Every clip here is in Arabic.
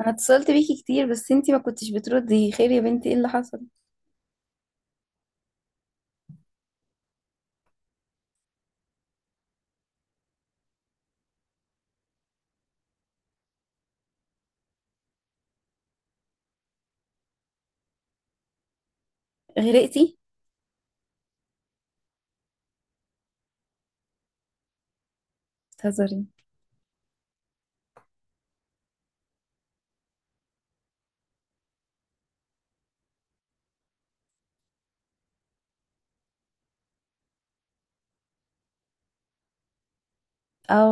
انا اتصلت بيكي كتير، بس انتي ما كنتش بتردي. خير يا بنتي، ايه اللي حصل؟ غرقتي؟ بتهزري؟ او،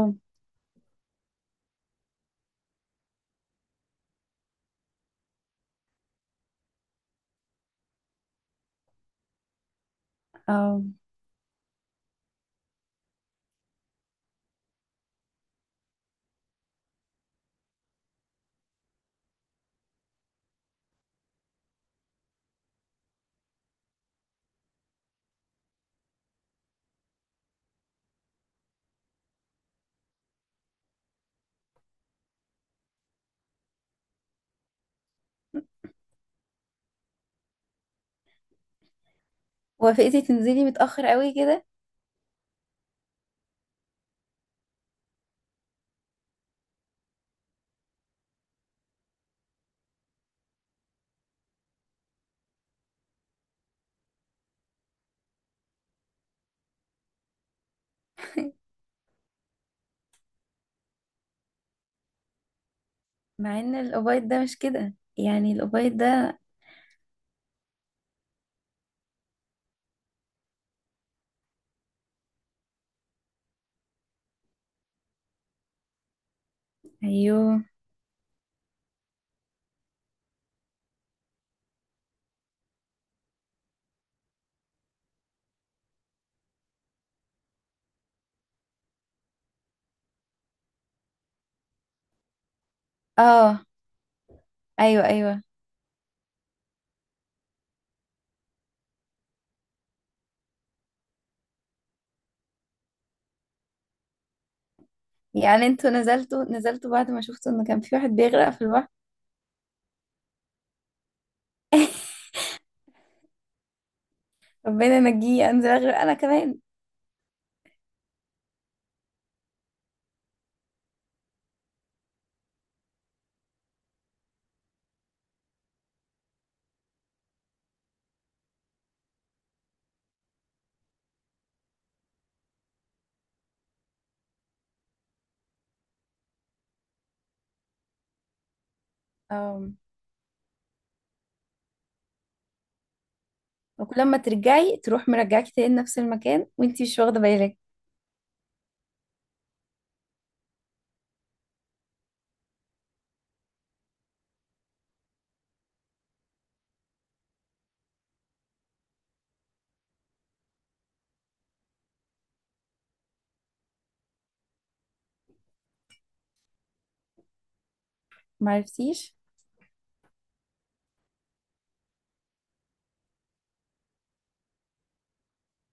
او، وافقتي تنزلي متأخر قوي كده؟ مع ان الاوبايد ده مش كده، يعني الاوبايد ده. ايوه. اه. ايوه، ايوه. يعني انتوا نزلتوا نزلتوا بعد ما شفتوا ان كان في واحد بيغرق في البحر؟ ربنا نجيه. انزل اغرق انا كمان. اه. وكل ما ترجعي تروح مرجعاكي تاني نفس المكان وانتي مش واخده بالك. معرفتيش؟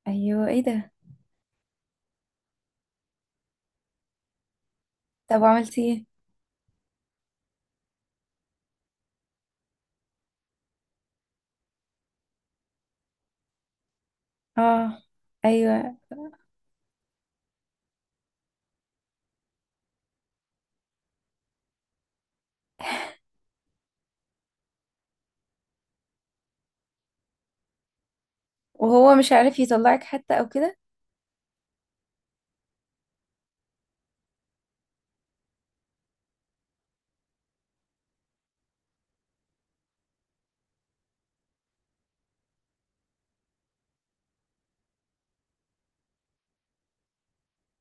ايوه، ايه ده؟ طب وعملتي ايه؟ اه. ايوه. وهو مش عارف يطلعك حتى او كده؟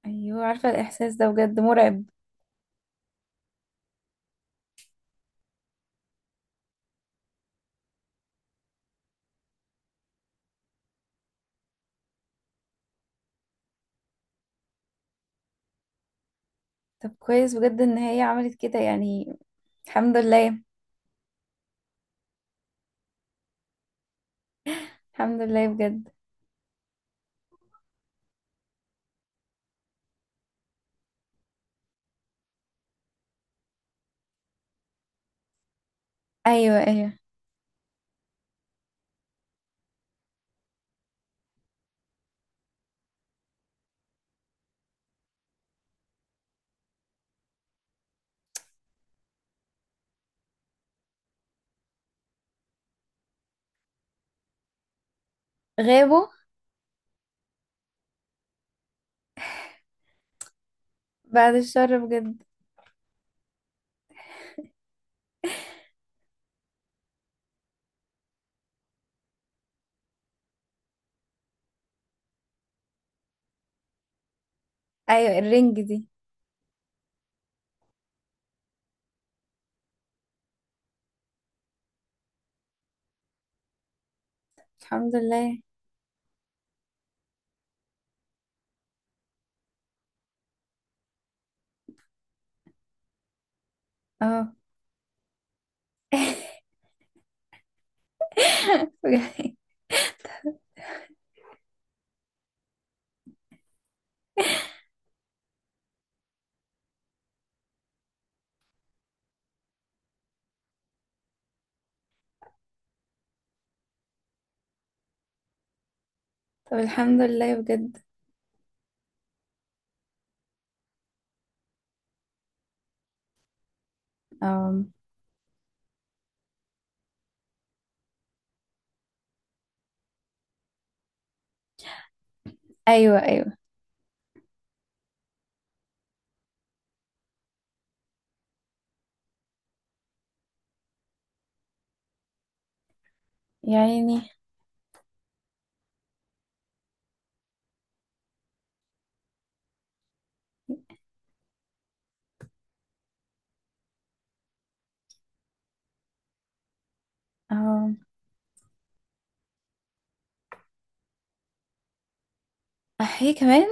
ايوه، عارفه الاحساس ده بجد مرعب. طب كويس بجد ان هي عملت كده يعني. الحمد لله. الحمد لله بجد. ايوه، ايوه. غابوا؟ بعد الشر بجد. ايوه، الرنج دي. الحمد لله. اه. بجد. طب الحمد لله بجد. اه. ايوه، ايوه. يعني. اه. احيي كمان.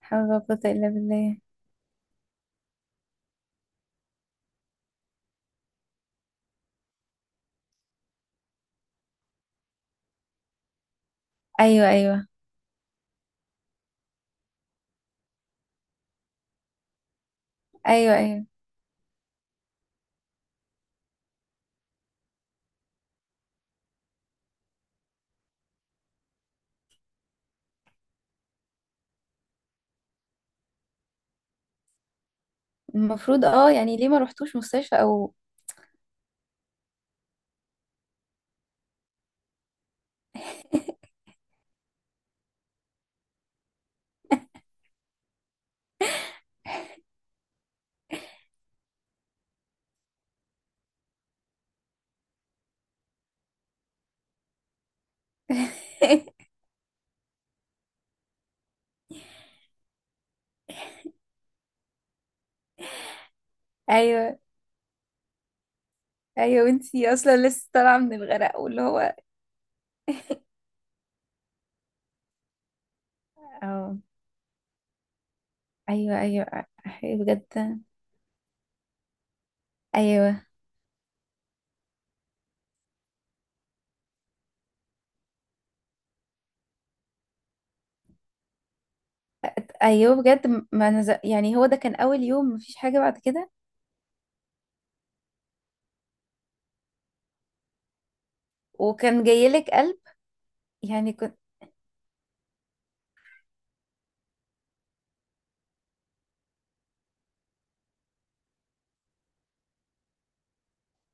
حول ولا قوه الا بالله. ايوه، ايوه، ايوه، ايوه. المفروض اه، يعني ليه ما رحتوش مستشفى او؟ ايوه، ايوه، وانتي اصلا لسه طالعه من الغرق واللي هو. اه، ايوه، ايوه. أيوة بجد. ايوه. ايوه بجد. ما نز... يعني هو ده كان اول يوم؟ مفيش حاجه بعد كده؟ وكان جايلك قلب؟ يعني كنت.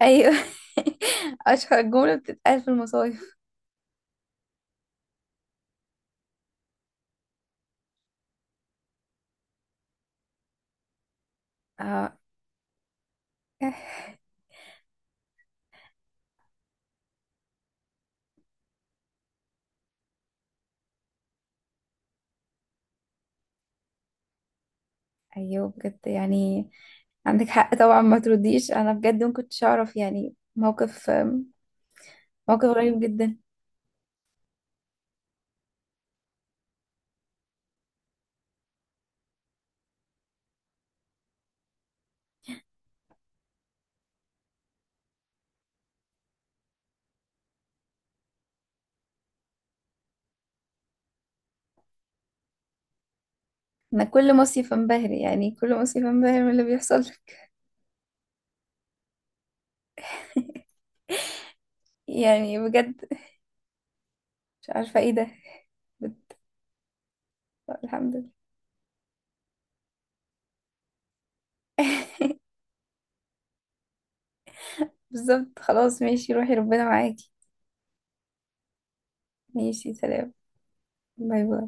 ايوه. اشهر جمله بتتقال في المصايف. اه. ايوه بجد، يعني عندك حق طبعا. ما ترديش، انا بجد ما كنتش اعرف، يعني موقف غريب جدا. انا كل مصيف انبهر، يعني كل مصيف انبهر من اللي بيحصل. يعني بجد. مش عارفة ايه ده. بت- الحمد لله. بالظبط، خلاص ماشي، روحي ربنا معاكي. ماشي، سلام. باي، باي.